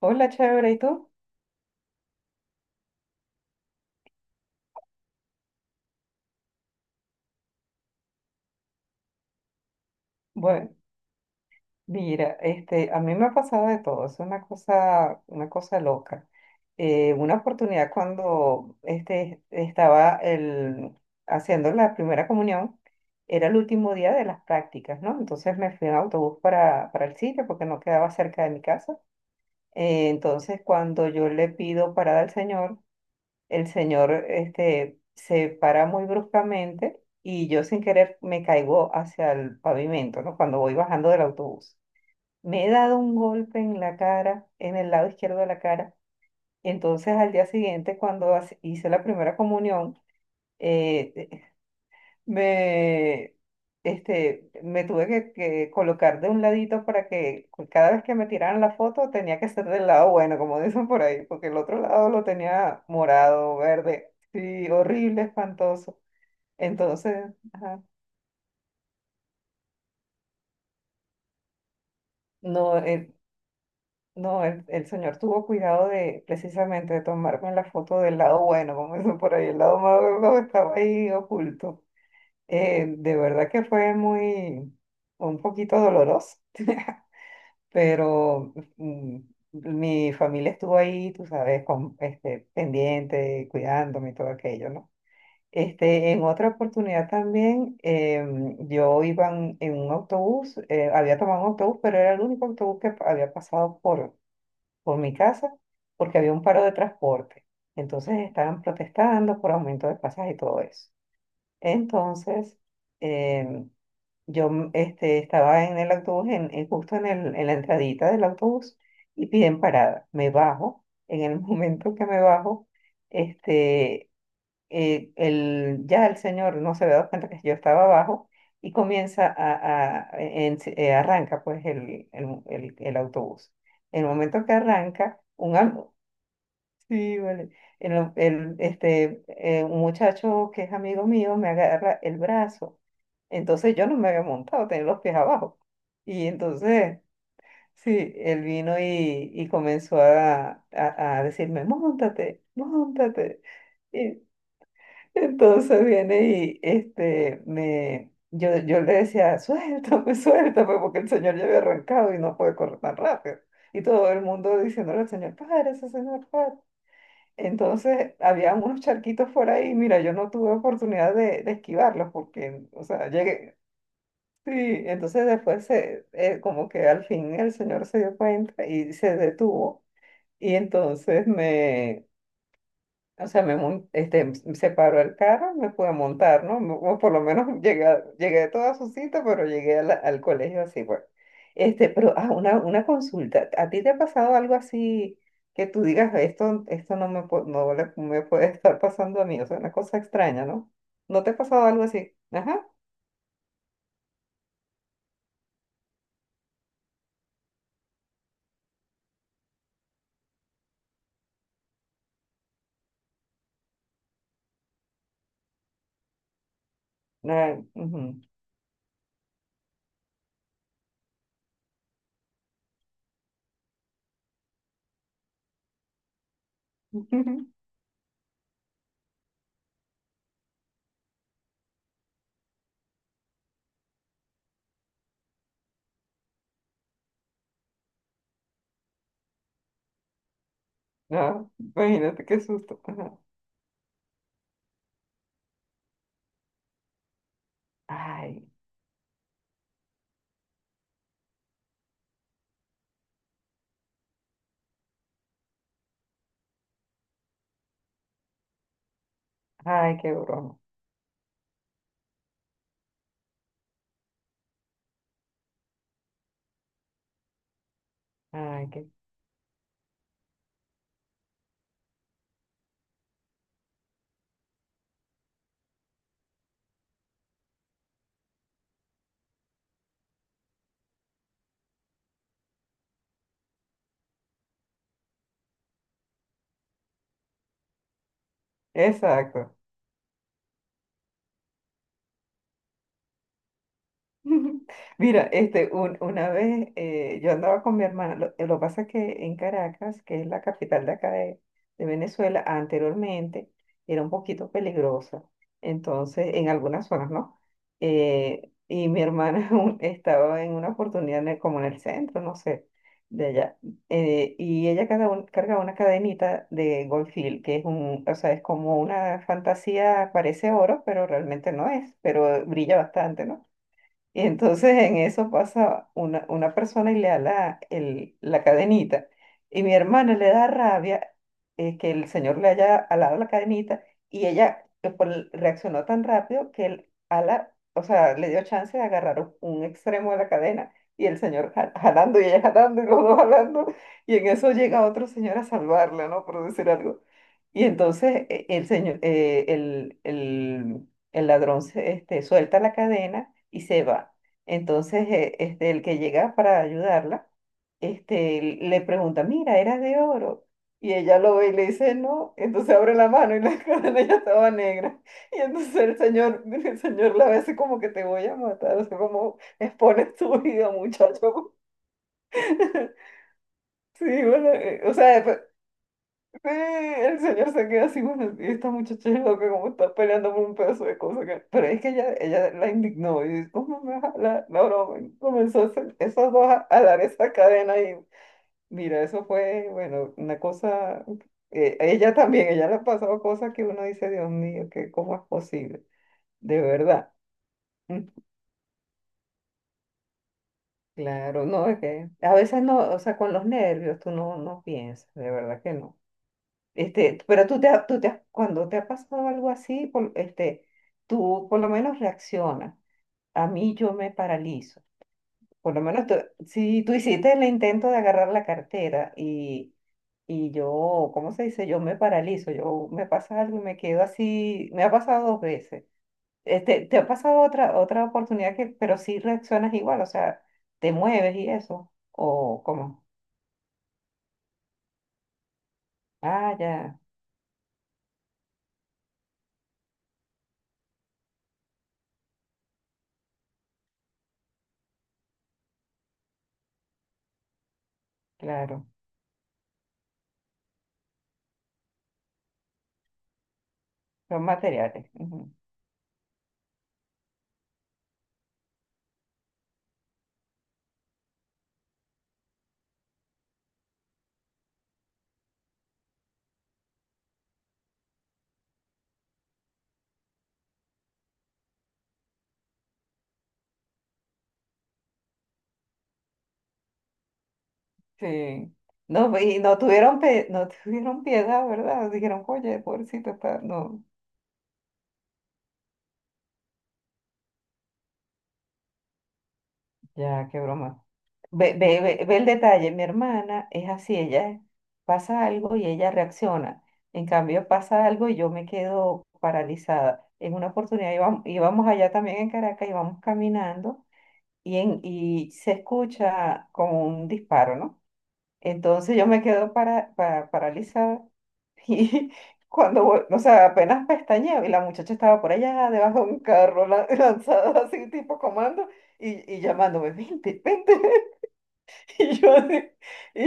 Hola, chévere, ¿y tú? Bueno, mira, a mí me ha pasado de todo, es una cosa loca. Una oportunidad cuando haciendo la primera comunión, era el último día de las prácticas, ¿no? Entonces me fui en autobús para el sitio porque no quedaba cerca de mi casa. Entonces cuando yo le pido parada al Señor, el señor este se para muy bruscamente y yo sin querer me caigo hacia el pavimento, ¿no? Cuando voy bajando del autobús. Me he dado un golpe en la cara, en el lado izquierdo de la cara. Entonces al día siguiente, cuando hice la primera comunión, eh, me, me tuve que colocar de un ladito para que cada vez que me tiraran la foto tenía que ser del lado bueno, como dicen por ahí, porque el otro lado lo tenía morado, verde, sí, horrible, espantoso. Entonces, ajá, no, el, no, el señor tuvo cuidado de precisamente de tomarme la foto del lado bueno, como dicen por ahí, el lado malo estaba ahí oculto. De verdad que fue un poquito doloroso pero mi familia estuvo ahí, tú sabes, con, este, pendiente, cuidándome y todo aquello, ¿no? En otra oportunidad también, yo iba en un autobús, había tomado un autobús, pero era el único autobús que había pasado por mi casa porque había un paro de transporte. Entonces estaban protestando por aumento de pasajes y todo eso. Entonces, em, yo estaba en el autobús, justo en la entradita del autobús, y piden parada. Me bajo, en el momento que me bajo, este, ya el señor no se había dado cuenta que yo estaba abajo y comienza arranca pues el autobús. En el momento que arranca, sí, vale. El, o- el, este, un muchacho que es amigo mío me agarra el brazo. Entonces yo no me había montado, tenía los pies abajo. Y entonces, sí, él vino y comenzó a decirme, móntate, móntate. Y entonces viene y yo le decía, suéltame, suéltame, porque el señor ya había arrancado y no puede correr tan rápido. Y todo el mundo diciéndole al señor, párese, señor, párese. Entonces, había unos charquitos por ahí, mira, yo no tuve oportunidad de esquivarlos porque, o sea, llegué, sí, entonces después se, como que al fin el señor se dio cuenta y se detuvo y entonces o sea, se paró el carro, me pude montar, ¿no? O por lo menos llegué, llegué a toda su cita, pero llegué a al colegio así, pues. Pero, ah, una consulta. ¿A ti te ha pasado algo así que tú digas, esto no me, pu- no le- me puede estar pasando a mí? O sea, una cosa extraña, ¿no? ¿No te ha pasado algo así? Ajá. Ay, ujú. No, imagínate qué susto. Ajá. Ay, ay, qué broma. Ay, qué... Exacto. Mira, una vez yo andaba con mi hermana, lo pasa que en Caracas, que es la capital de acá de Venezuela, anteriormente era un poquito peligrosa, entonces en algunas zonas, ¿no? Y mi hermana estaba en una oportunidad en como en el centro, no sé, de allá, y ella cargaba una cadenita de Goldfield, que es un, o sea, es como una fantasía, parece oro, pero realmente no es, pero brilla bastante, ¿no? Y entonces en eso pasa una persona y le da la cadenita. Y mi hermana le da rabia que el señor le haya alado la cadenita y ella reaccionó tan rápido que el ala, o sea, le dio chance de agarrar un extremo de la cadena y el señor jalando y ella jalando y los dos jalando. Y en eso llega otro señor a salvarla, ¿no? Por decir algo. Y entonces el señor, el ladrón suelta la cadena y se va. Entonces, el que llega para ayudarla, le pregunta, mira, era de oro. Y ella lo ve y le dice, no. Entonces abre la mano y la cadena ya estaba negra. Y entonces el señor, el señor la ve así como que te voy a matar. O sea, como expones tu vida, muchacho. Sí, bueno, sí, el señor se queda así, bueno, y esta muchacha es loca, como está peleando por un pedazo de cosa. Que-". Pero es que ella la indignó y dice, ¿cómo me vas a jalar la broma? Y comenzó a hacer esas dos a jalar esa cadena y mira, eso fue, bueno, una cosa, ella también, ella le ha pasado cosas que uno dice, Dios mío, que cómo es posible, de verdad. Mm, Claro, no, es que a veces no, o sea, con los nervios tú no, no piensas, de verdad que no. Pero tú te, tú te, cuando te ha pasado algo así, tú por lo menos reaccionas. A mí yo me paralizo. Por lo menos si tú hiciste el intento de agarrar la cartera y yo, ¿cómo se dice? Yo me paralizo, yo me pasa algo y me quedo así. Me ha pasado dos veces. Te ha pasado otra oportunidad que, pero sí reaccionas igual, o sea, te mueves y eso. O cómo ah, ya, claro, son materiales. Sí. No, y no tuvieron, no tuvieron piedad, ¿verdad? Dijeron, oye, pobrecito está. No, ya, qué broma. Ve, ve, ve, ve el detalle. Mi hermana es así, ella pasa algo y ella reacciona. En cambio, pasa algo y yo me quedo paralizada. En una oportunidad íbamos, allá también en Caracas, íbamos caminando y se escucha como un disparo, ¿no? Entonces yo me quedo paralizada y cuando, o sea, apenas pestañeo y la muchacha estaba por allá debajo de un carro lanzada así tipo comando y llamándome, vente, vente. Y yo, así- y,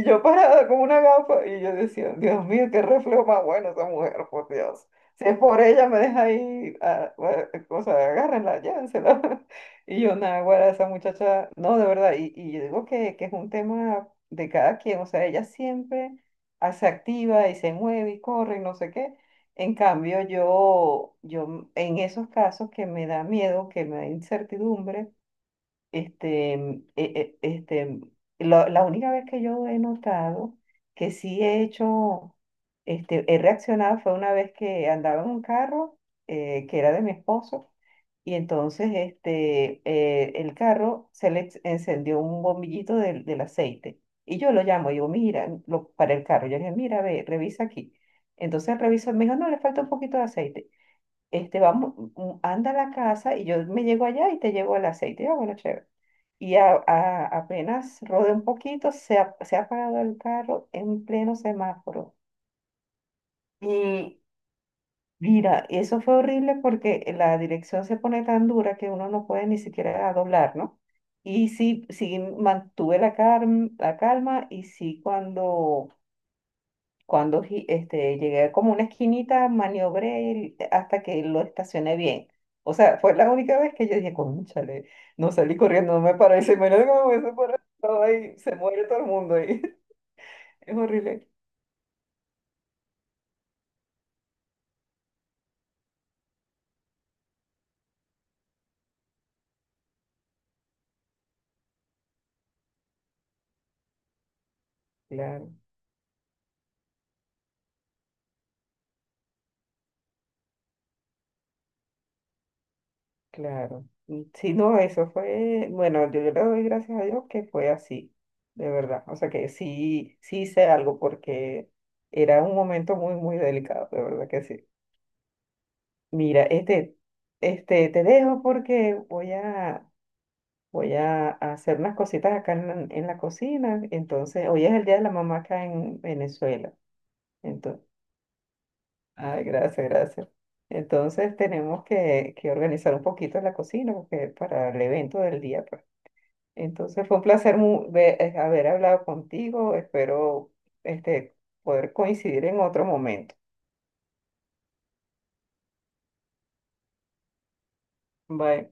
y yo parada con una gafa y yo decía, Dios mío, qué reflejo más bueno esa mujer, por Dios. Si es por ella, me deja ahí, ah, bueno, o sea, agárrenla, llévensela. Y yo, nada, güera, esa muchacha, no, de verdad, y yo digo que es un tema de cada quien, o sea, ella siempre ah, se activa y se mueve y corre y no sé qué. En cambio, yo en esos casos que me da miedo, que me da incertidumbre, este, mm, e- e- este, la única vez que yo he notado que sí he hecho, he reaccionado fue una vez que andaba en un carro que era de mi esposo y entonces el carro se le encendió un bombillito del aceite y yo lo llamo, digo, mira, para el carro, yo le dije, mira, ve, revisa aquí. Entonces revisa, me dijo, no, le falta un poquito de aceite vamos, anda a la casa y yo me llego allá y te llevo el aceite. Ah, bueno, chévere. Y apenas rodé un poquito, se ha apagado el carro en pleno semáforo. Y mira, eso fue horrible porque la dirección se pone tan dura que uno no puede ni siquiera doblar, ¿no? Y sí, sí mantuve la calma y sí cuando cuando llegué como una esquinita, maniobré hasta que lo estacioné bien. O sea, fue la única vez que yo dije, cónchale, no salí corriendo, no me paré, se me que me hubiese parado ahí, se muere todo el mundo ahí. Es horrible. Claro, claro. Sí, no, eso fue, bueno, yo le doy gracias a Dios que fue así, de verdad. O sea que sí, sí hice algo porque era un momento muy, muy delicado, de verdad que sí. Mira, te dejo porque voy a voy a hacer unas cositas acá en la cocina. Entonces, hoy es el día de la mamá acá en Venezuela. Entonces, ay, gracias, gracias. Entonces, tenemos que organizar un poquito la cocina porque para el evento del día, pues. Entonces, fue un placer haber hablado contigo. Espero este, poder coincidir en otro momento. Bye.